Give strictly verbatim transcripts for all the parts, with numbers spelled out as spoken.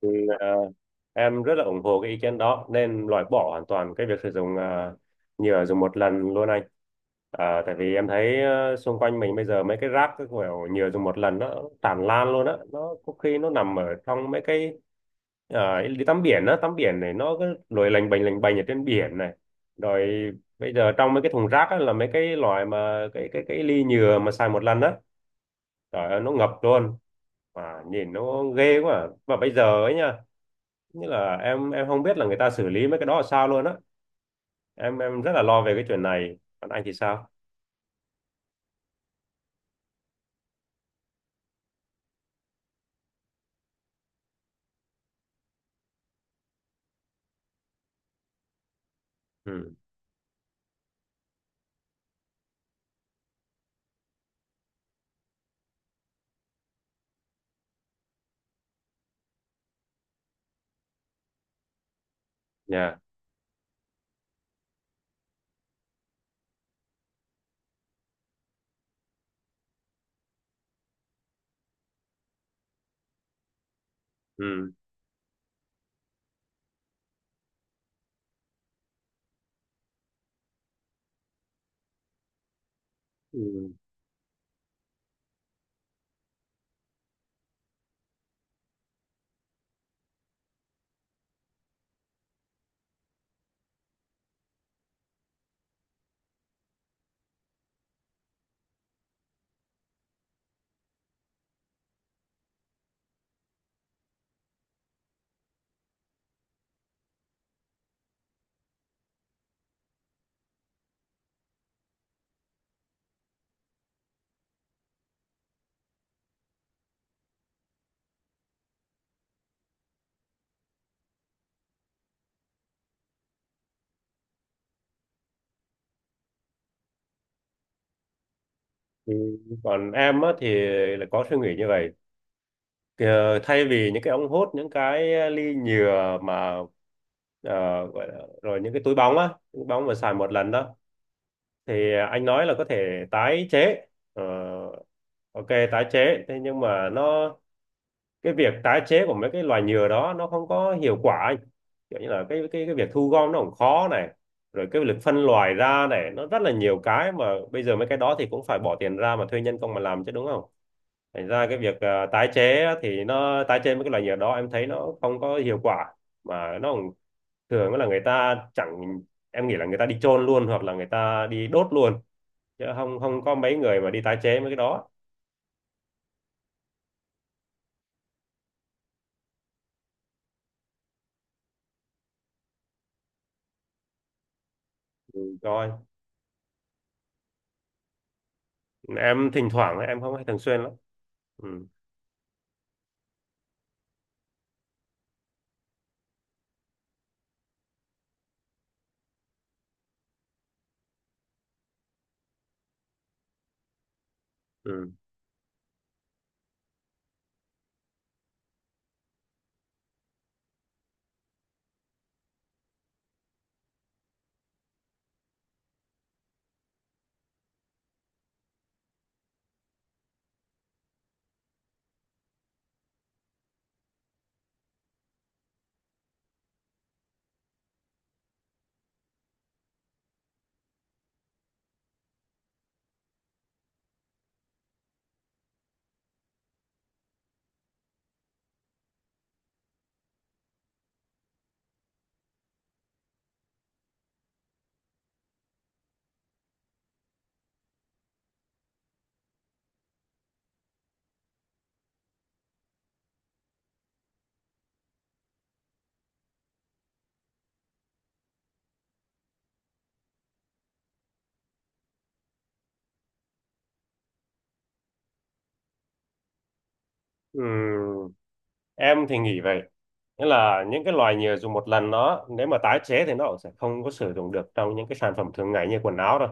Ừ, à, em rất là ủng hộ cái ý kiến đó nên loại bỏ hoàn toàn cái việc sử dụng à, nhựa dùng một lần luôn anh. À, tại vì em thấy ờ, xung quanh mình bây giờ mấy cái rác cái kiểu nhựa dùng một lần nó tràn lan luôn á, nó có khi nó nằm ở trong mấy cái ờ, đi tắm biển á, tắm biển này nó cứ lội lành bềnh lành bềnh ở trên biển này, rồi bây giờ trong mấy cái thùng rác á, là mấy cái loại mà cái cái cái ly nhựa mà xài một lần á, trời ơi nó ngập luôn, mà nhìn nó ghê quá à. Mà bây giờ ấy nha, nghĩa là em em không biết là người ta xử lý mấy cái đó là sao luôn á. Em em rất là lo về cái chuyện này. Còn anh thì sao? Ừ. Dạ. Ừ. Ừ. Ừ. Còn em á thì lại có suy nghĩ như vậy. Kìa, thay vì những cái ống hút, những cái ly nhựa mà ờ, gọi là, rồi những cái túi bóng á, túi bóng mà xài một lần đó thì anh nói là có thể tái chế. Ờ, ok, tái chế. Thế nhưng mà nó, cái việc tái chế của mấy cái loài nhựa đó nó không có hiệu quả anh, kiểu như là cái cái cái việc thu gom nó cũng khó này, rồi cái việc phân loại ra này nó rất là nhiều cái, mà bây giờ mấy cái đó thì cũng phải bỏ tiền ra mà thuê nhân công mà làm chứ đúng không, thành ra cái việc ờ, tái chế á, thì nó tái chế mấy cái loài nhựa đó em thấy nó không có hiệu quả. Mà nó cũng thường là người ta chẳng, em nghĩ là người ta đi chôn luôn hoặc là người ta đi đốt luôn, chứ không không có mấy người mà đi tái chế mấy cái đó. Ừ, rồi em thỉnh thoảng em không hay thường xuyên lắm. Ừ. Ừ. Ừm, em thì nghĩ vậy, nghĩa là những cái loài nhựa dùng một lần nó nếu mà tái chế thì nó cũng sẽ không có sử dụng được trong những cái sản phẩm thường ngày như quần áo đâu,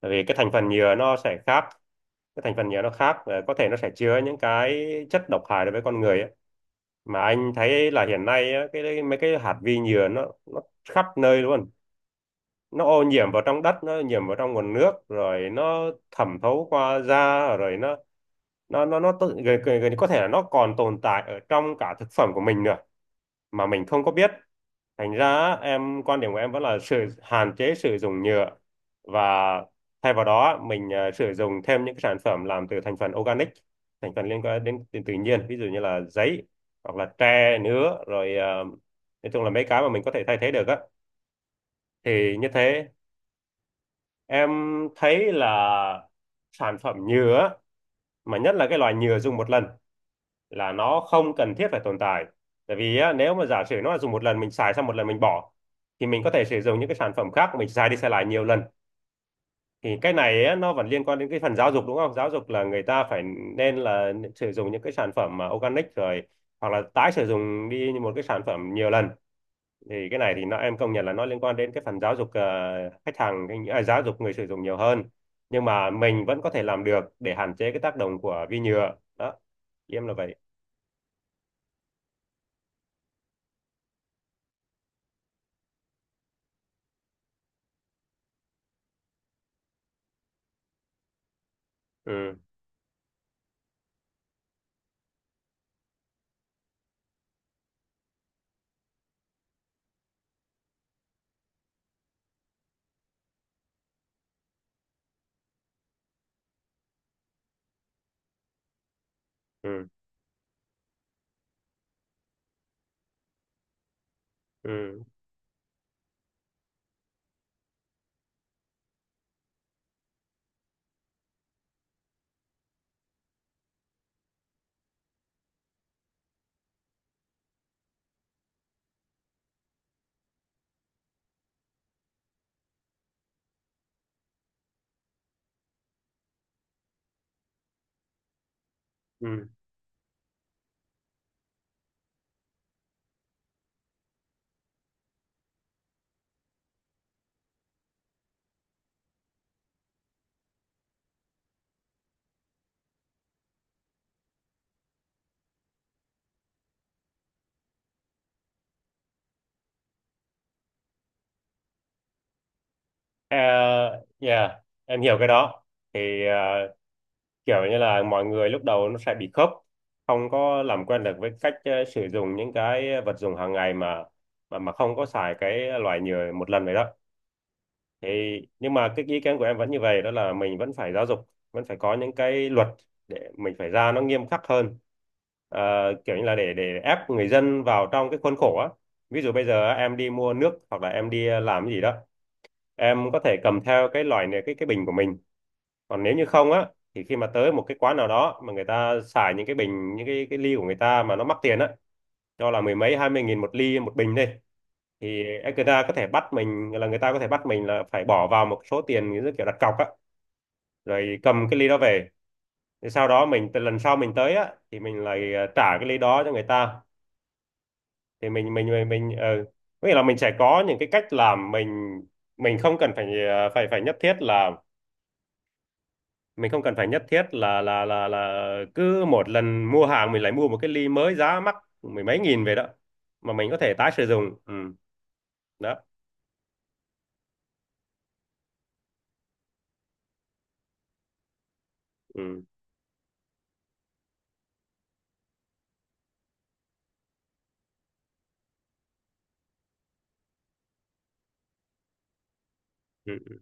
tại vì cái thành phần nhựa nó sẽ khác. Cái thành phần nhựa nó khác và có thể nó sẽ chứa những cái chất độc hại đối với con người ấy. Mà anh thấy là hiện nay á, cái mấy cái hạt vi nhựa nó nó khắp nơi luôn, nó ô nhiễm vào trong đất, nó ô nhiễm vào trong nguồn nước, rồi nó thẩm thấu qua da, rồi nó nó nó nó tự- gần, gần, gần như có thể là nó còn tồn tại ở trong cả thực phẩm của mình nữa mà mình không có biết. Thành ra em, quan điểm của em vẫn là sự hạn chế sử dụng nhựa, và thay vào đó mình ờ, sử dụng thêm những cái sản phẩm làm từ thành phần organic, thành phần liên quan đến, đến tự nhiên, ví dụ như là giấy, hoặc là tre nứa, rồi ờ, nói chung là mấy cái mà mình có thể thay thế được á, thì như thế em thấy là sản phẩm nhựa mà nhất là cái loại nhựa dùng một lần là nó không cần thiết phải tồn tại. Tại vì á, nếu mà giả sử nó là dùng một lần, mình xài xong một lần mình bỏ, thì mình có thể sử dụng những cái sản phẩm khác mình xài đi xài lại nhiều lần, thì cái này á, nó vẫn liên quan đến cái phần giáo dục đúng không, giáo dục là người ta phải, nên là sử dụng những cái sản phẩm mà organic, rồi hoặc là tái sử dụng đi một cái sản phẩm nhiều lần, thì cái này thì nó, em công nhận là nó liên quan đến cái phần giáo dục ờ, khách hàng cái- à, giáo dục người sử dụng nhiều hơn, nhưng mà mình vẫn có thể làm được để hạn chế cái tác động của vi nhựa đó. Em là vậy. Ừ. Ừ. Ừ. Ừ. Ờ, yeah, em hiểu cái đó. Thì ờ, kiểu như là mọi người lúc đầu nó sẽ bị khớp, không có làm quen được với cách ờ, sử dụng những cái vật dụng hàng ngày mà mà mà không có xài cái loại nhựa một lần vậy đó. Thì nhưng mà cái ý kiến của em vẫn như vậy đó, là mình vẫn phải giáo dục, vẫn phải có những cái luật để mình phải ra nó nghiêm khắc hơn. Ờ, kiểu như là để để ép người dân vào trong cái khuôn khổ á, ví dụ bây giờ á, em đi mua nước hoặc là em đi ờ, làm cái gì đó, em có thể cầm theo cái loại này, cái cái bình của mình. Còn nếu như không á, thì khi mà tới một cái quán nào đó mà người ta xài những cái bình, những cái cái ly của người ta mà nó mắc tiền á, cho là mười mấy hai mươi nghìn một ly một bình đi, thì người ta có thể bắt mình, là người ta có thể bắt mình là phải bỏ vào một số tiền như kiểu đặt cọc á, rồi cầm cái ly đó về, thì sau đó mình, từ lần sau mình tới á thì mình lại ờ, trả cái ly đó cho người ta. Thì mình mình mình, mình ờ, có nghĩa là mình sẽ có những cái cách làm, mình mình không cần phải ờ, phải phải nhất thiết là, mình không cần phải nhất thiết là là là là cứ một lần mua hàng mình lại mua một cái ly mới giá mắc mười mấy nghìn về đó, mà mình có thể tái sử dụng. Ừ. Đó. Ừ. Ừ. Ừ.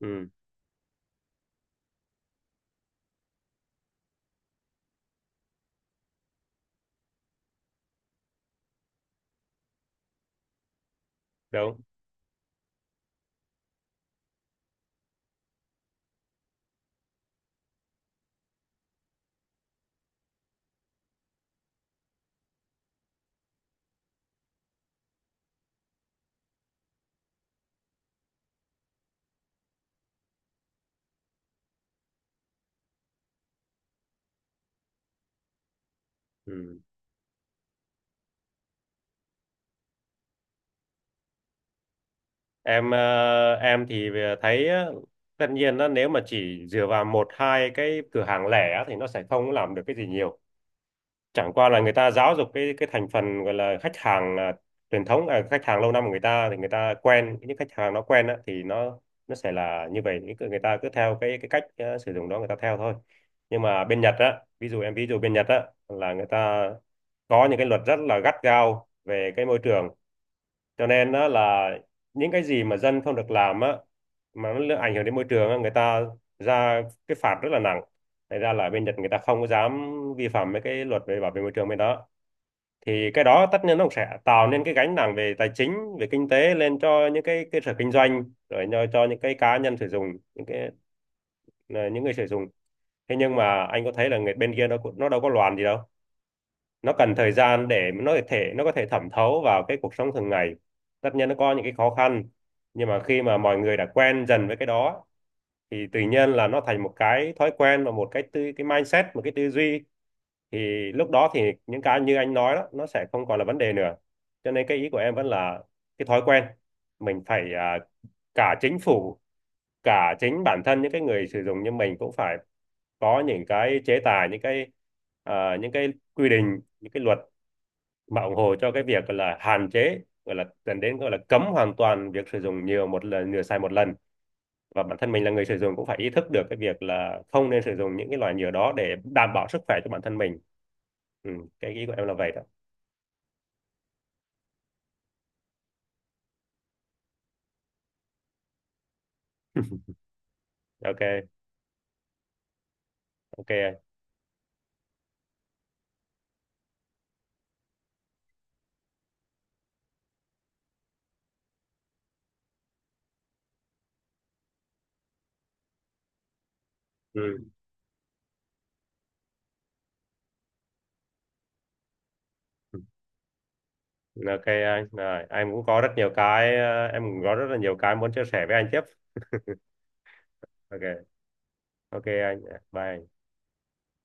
Ừ, đúng. Ừ. Em ờ, em thì ờ, thấy á, tất nhiên á, nếu mà chỉ dựa vào một hai cái cửa hàng lẻ á, thì nó sẽ không làm được cái gì nhiều, chẳng qua là người ta giáo dục cái cái thành phần gọi là khách hàng à, truyền thống à, khách hàng lâu năm của người ta, thì người ta quen, những khách hàng nó quen á, thì nó nó sẽ là như vậy, những cái- người ta cứ theo cái cái cách ờ, sử dụng đó, người ta theo thôi. Nhưng mà bên Nhật á, ví dụ em ví dụ bên Nhật á, là người ta có những cái luật rất là gắt gao về cái môi trường, cho nên đó là những cái gì mà dân không được làm á, mà nó ảnh hưởng đến môi trường á, người ta ra cái phạt rất là nặng. Thành ra là ở bên Nhật người ta không có dám vi phạm mấy cái luật về bảo vệ môi trường bên đó. Thì cái đó tất nhiên nó cũng sẽ tạo nên cái gánh nặng về tài chính, về kinh tế lên cho những cái cơ sở kinh doanh, rồi cho, cho những cái cá nhân sử dụng, những cái những người sử dụng. Thế nhưng mà anh có thấy là người bên kia nó cũng- nó đâu có loạn gì đâu, nó cần thời gian để nó có thể, nó có thể thẩm thấu vào cái cuộc sống thường ngày. Tất nhiên nó có những cái khó khăn, nhưng mà khi mà mọi người đã quen dần với cái đó thì tự nhiên là nó thành một cái thói quen và một cái tư, cái mindset, một cái tư duy, thì lúc đó thì những cái như anh nói đó nó sẽ không còn là vấn đề nữa. Cho nên cái ý của em vẫn là cái thói quen, mình phải à, cả chính phủ, cả chính bản thân những cái người sử dụng như mình cũng phải có những cái chế tài, những cái ờ, những cái quy định, những cái luật mà ủng hộ cho cái việc gọi là hạn chế, gọi là dẫn đến gọi là cấm hoàn toàn việc sử dụng nhiều một lần, nhựa xài một lần. Và bản thân mình là người sử dụng cũng phải ý thức được cái việc là không nên sử dụng những cái loại nhựa đó để đảm bảo sức khỏe cho bản thân mình. Ừ, cái ý của em là vậy đó. Ok. Ok. Ừ. Ok anh, rồi anh cũng có rất nhiều cái, ờ, em cũng có rất là nhiều cái muốn chia sẻ với anh tiếp. Ok, ok anh, dạ, bye anh.